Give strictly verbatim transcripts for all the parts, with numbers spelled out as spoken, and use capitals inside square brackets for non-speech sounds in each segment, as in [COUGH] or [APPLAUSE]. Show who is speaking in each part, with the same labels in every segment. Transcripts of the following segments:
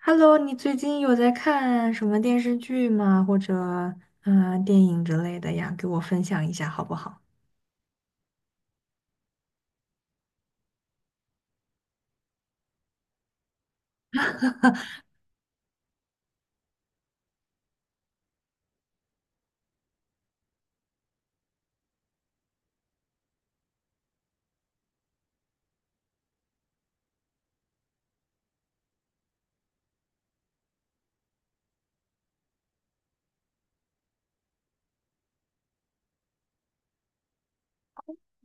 Speaker 1: Hello,你最近有在看什么电视剧吗？或者嗯、呃电影之类的呀？给我分享一下好不好？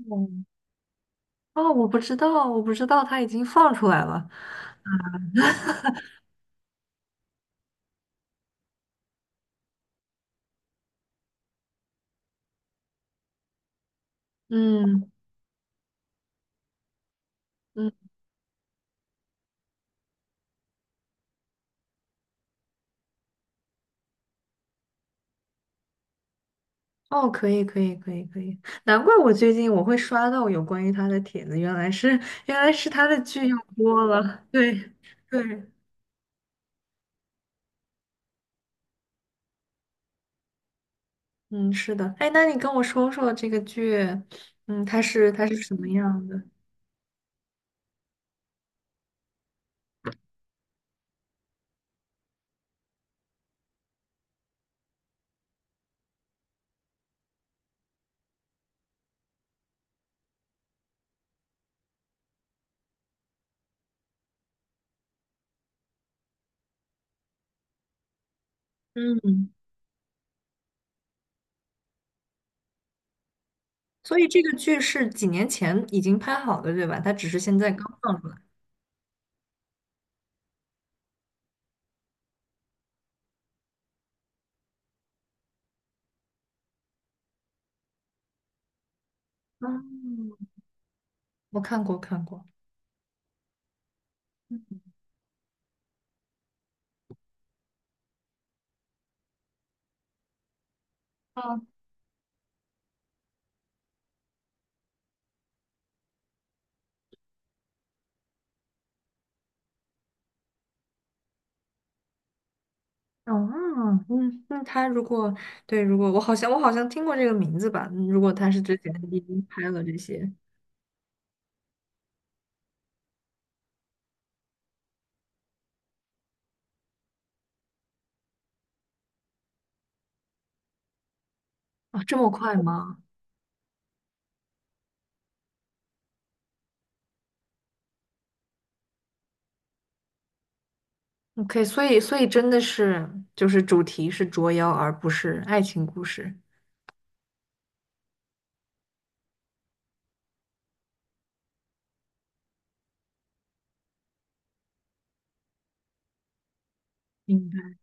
Speaker 1: 嗯，哦，我不知道，我不知道它已经放出来了。嗯嗯，哦，可以可以可以可以，难怪我最近我会刷到有关于他的帖子，原来是原来是他的剧要播了。对对，嗯，是的。哎，那你跟我说说这个剧，嗯，它是它是什么样的？嗯，所以这个剧是几年前已经拍好的，对吧？它只是现在刚放出来。嗯，我看过，看过。嗯，哦，嗯，那他如果对，如果我好像我好像听过这个名字吧？嗯如果他是之前已经拍了这些啊，这么快吗？OK,所以所以真的是就是主题是捉妖，而不是爱情故事。明白。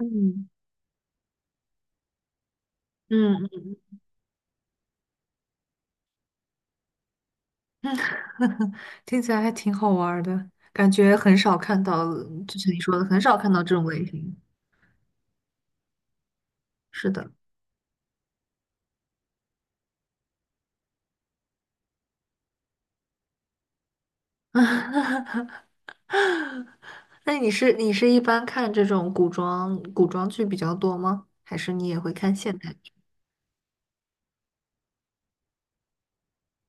Speaker 1: 嗯嗯嗯，[LAUGHS] 嗯听起来还挺好玩儿的，感觉很少看到，就像你说的，很少看到这种类型。是的，[LAUGHS] 那你是你是一般看这种古装古装剧比较多吗？还是你也会看现代剧？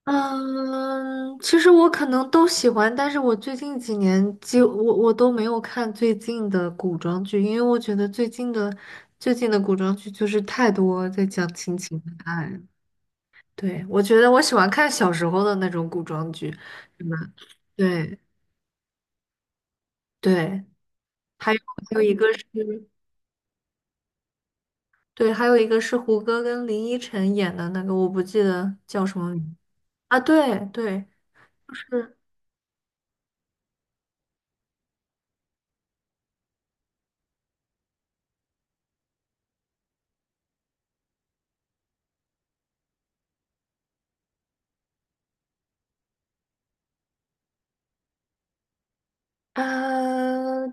Speaker 1: 嗯，其实我可能都喜欢，但是我最近几年几我我都没有看最近的古装剧，因为我觉得最近的最近的古装剧就是太多在讲亲情爱爱了。对，我觉得我喜欢看小时候的那种古装剧，是吧？对对，还有还有一个是。对，还有一个是胡歌跟林依晨演的那个，我不记得叫什么名啊。对对，就是呃，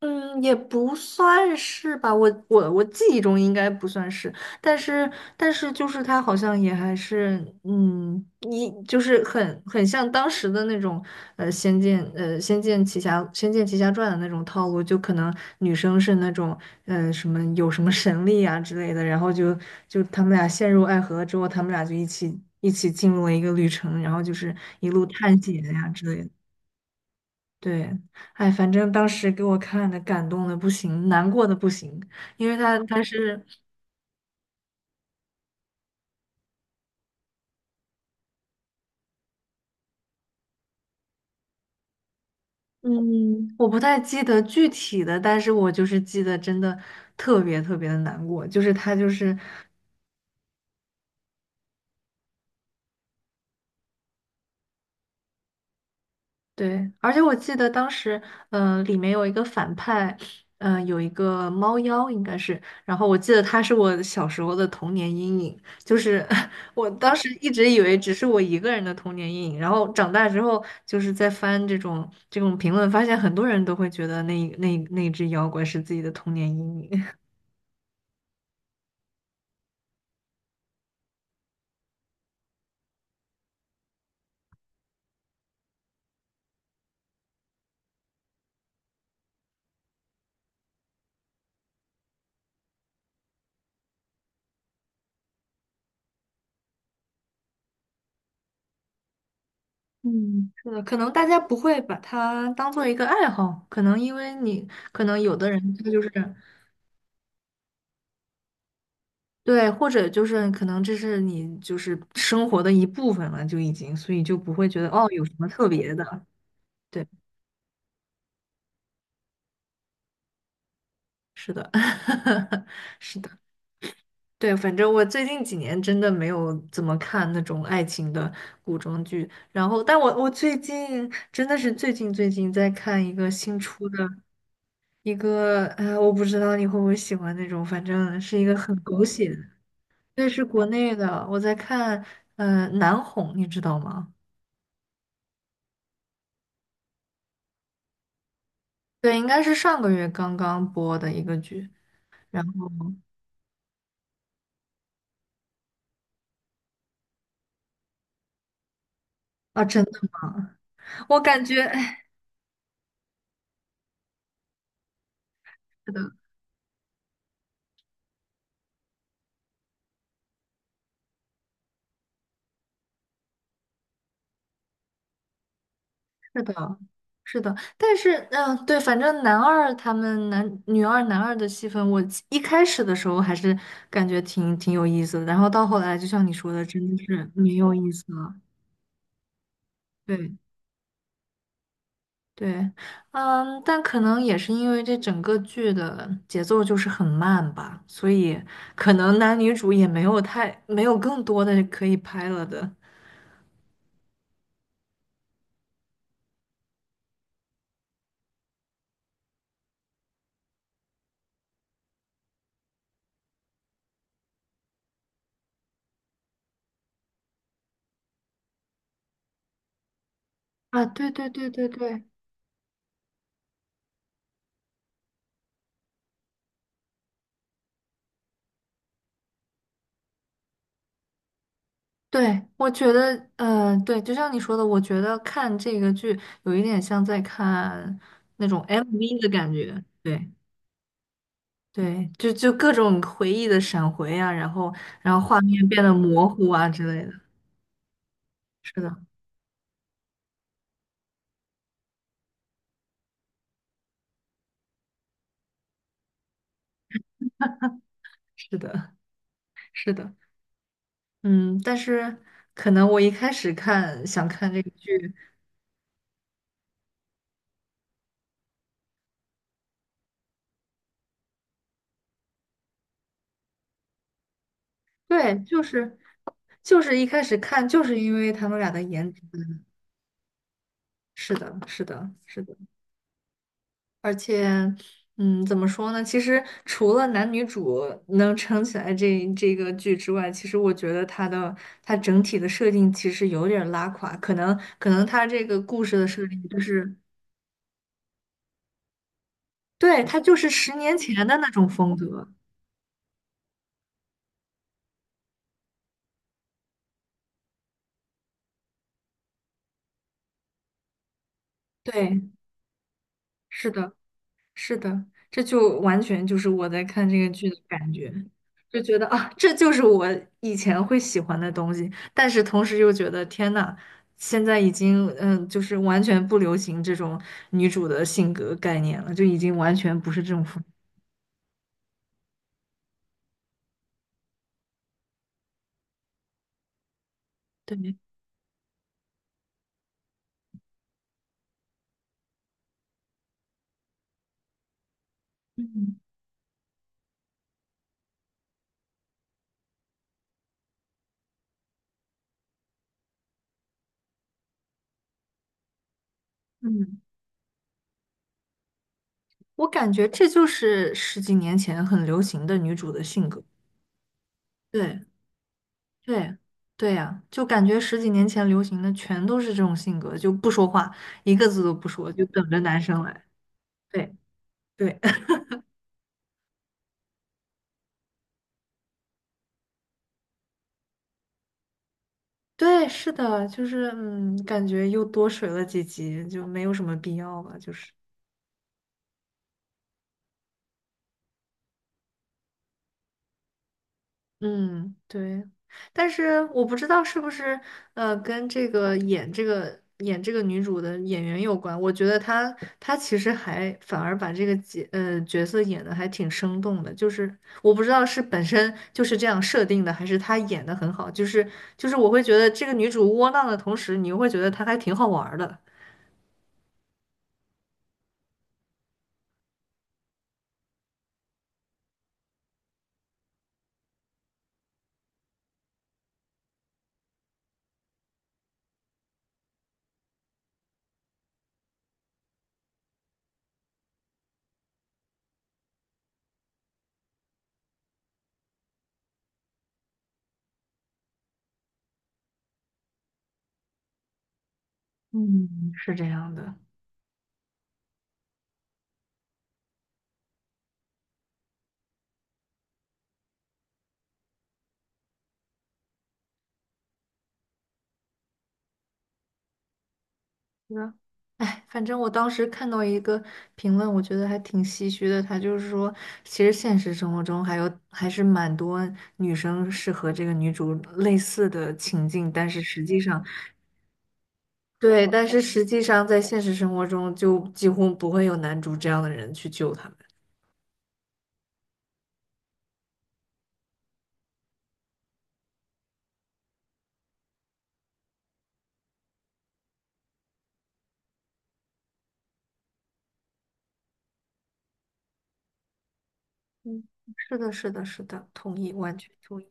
Speaker 1: 嗯，也不算是吧，我我我记忆中应该不算是，但是但是就是他好像也还是，嗯，一就是很很像当时的那种，呃，仙剑，呃，仙剑奇侠，仙剑奇侠传的那种套路，就可能女生是那种，呃，什么有什么神力啊之类的，然后就就他们俩陷入爱河之后，他们俩就一起一起进入了一个旅程，然后就是一路探险呀、之类的。对，哎，反正当时给我看的感动的不行，难过的不行，因为他他是，嗯，我不太记得具体的，但是我就是记得真的特别特别的难过，就是他就是。对，而且我记得当时，呃，里面有一个反派，呃，有一个猫妖，应该是。然后我记得他是我小时候的童年阴影，就是 [LAUGHS] 我当时一直以为只是我一个人的童年阴影，然后长大之后就是在翻这种这种评论，发现很多人都会觉得那那那只妖怪是自己的童年阴影。[LAUGHS] 嗯，是的，可能大家不会把它当做一个爱好，可能因为你，可能有的人他就是。对，或者就是可能这是你就是生活的一部分了，就已经，所以就不会觉得哦有什么特别的。对，是的，[LAUGHS] 是的，对，反正我最近几年真的没有怎么看那种爱情的古装剧，然后但我我最近真的是最近最近在看一个新出的一个，呃，我不知道你会不会喜欢那种，反正是一个很狗血的，对，是国内的，我在看，呃，南红，你知道吗？对，应该是上个月刚刚播的一个剧。然后啊，真的吗？[LAUGHS] 我感觉，哎，是的，是的，是的。但是，嗯、对，反正男二他们男女二男二的戏份，我一开始的时候还是感觉挺挺有意思的，然后到后来，就像你说的，真的是没有意思了。对。对，嗯，但可能也是因为这整个剧的节奏就是很慢吧，所以可能男女主也没有太没有更多的可以拍了的。啊，对对对对对对，我觉得，呃，对，就像你说的，我觉得看这个剧有一点像在看那种 M V 的感觉，对对，就就各种回忆的闪回啊，然后然后画面变得模糊啊之类的，是的，是的，是的，嗯，但是可能我一开始看想看这个剧，对，就是就是一开始看就是因为他们俩的颜值，是的，是的，是的。而且，嗯，怎么说呢？其实除了男女主能撑起来这这个剧之外，其实我觉得它的它整体的设定其实有点儿拉垮，可能可能它这个故事的设定就是，对，它就是十年前的那种风格。对，是的。是的，这就完全就是我在看这个剧的感觉，就觉得啊，这就是我以前会喜欢的东西，但是同时又觉得天呐，现在已经嗯，就是完全不流行这种女主的性格概念了，就已经完全不是这种风。对，嗯嗯，我感觉这就是十几年前很流行的女主的性格。对。对，对呀，就感觉十几年前流行的全都是这种性格，就不说话，一个字都不说，就等着男生来。对，对 [LAUGHS]，对，是的，就是嗯，感觉又多水了几集，就没有什么必要吧，就是。嗯，对，但是我不知道是不是呃跟这个演这个演这个女主的演员有关。我觉得她她其实还反而把这个角呃角色演的还挺生动的，就是我不知道是本身就是这样设定的，还是她演的很好。就是就是我会觉得这个女主窝囊的同时，你又会觉得她还挺好玩儿的。嗯，是这样的。嗯，哎，反正我当时看到一个评论，我觉得还挺唏嘘的。他就是说，其实现实生活中还有还是蛮多女生是和这个女主类似的情境，但是实际上，对，但是实际上在现实生活中就几乎不会有男主这样的人去救他们。嗯，是的，是的，是的，同意，完全同意。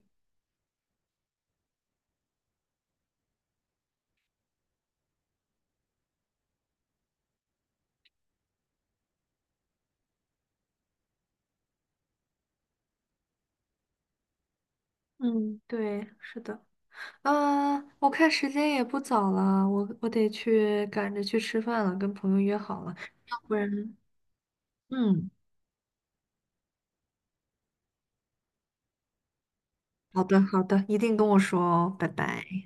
Speaker 1: 嗯，对，是的。啊，我看时间也不早了，我我得去赶着去吃饭了，跟朋友约好了，不然。嗯，好的，好的，一定跟我说哦，拜拜。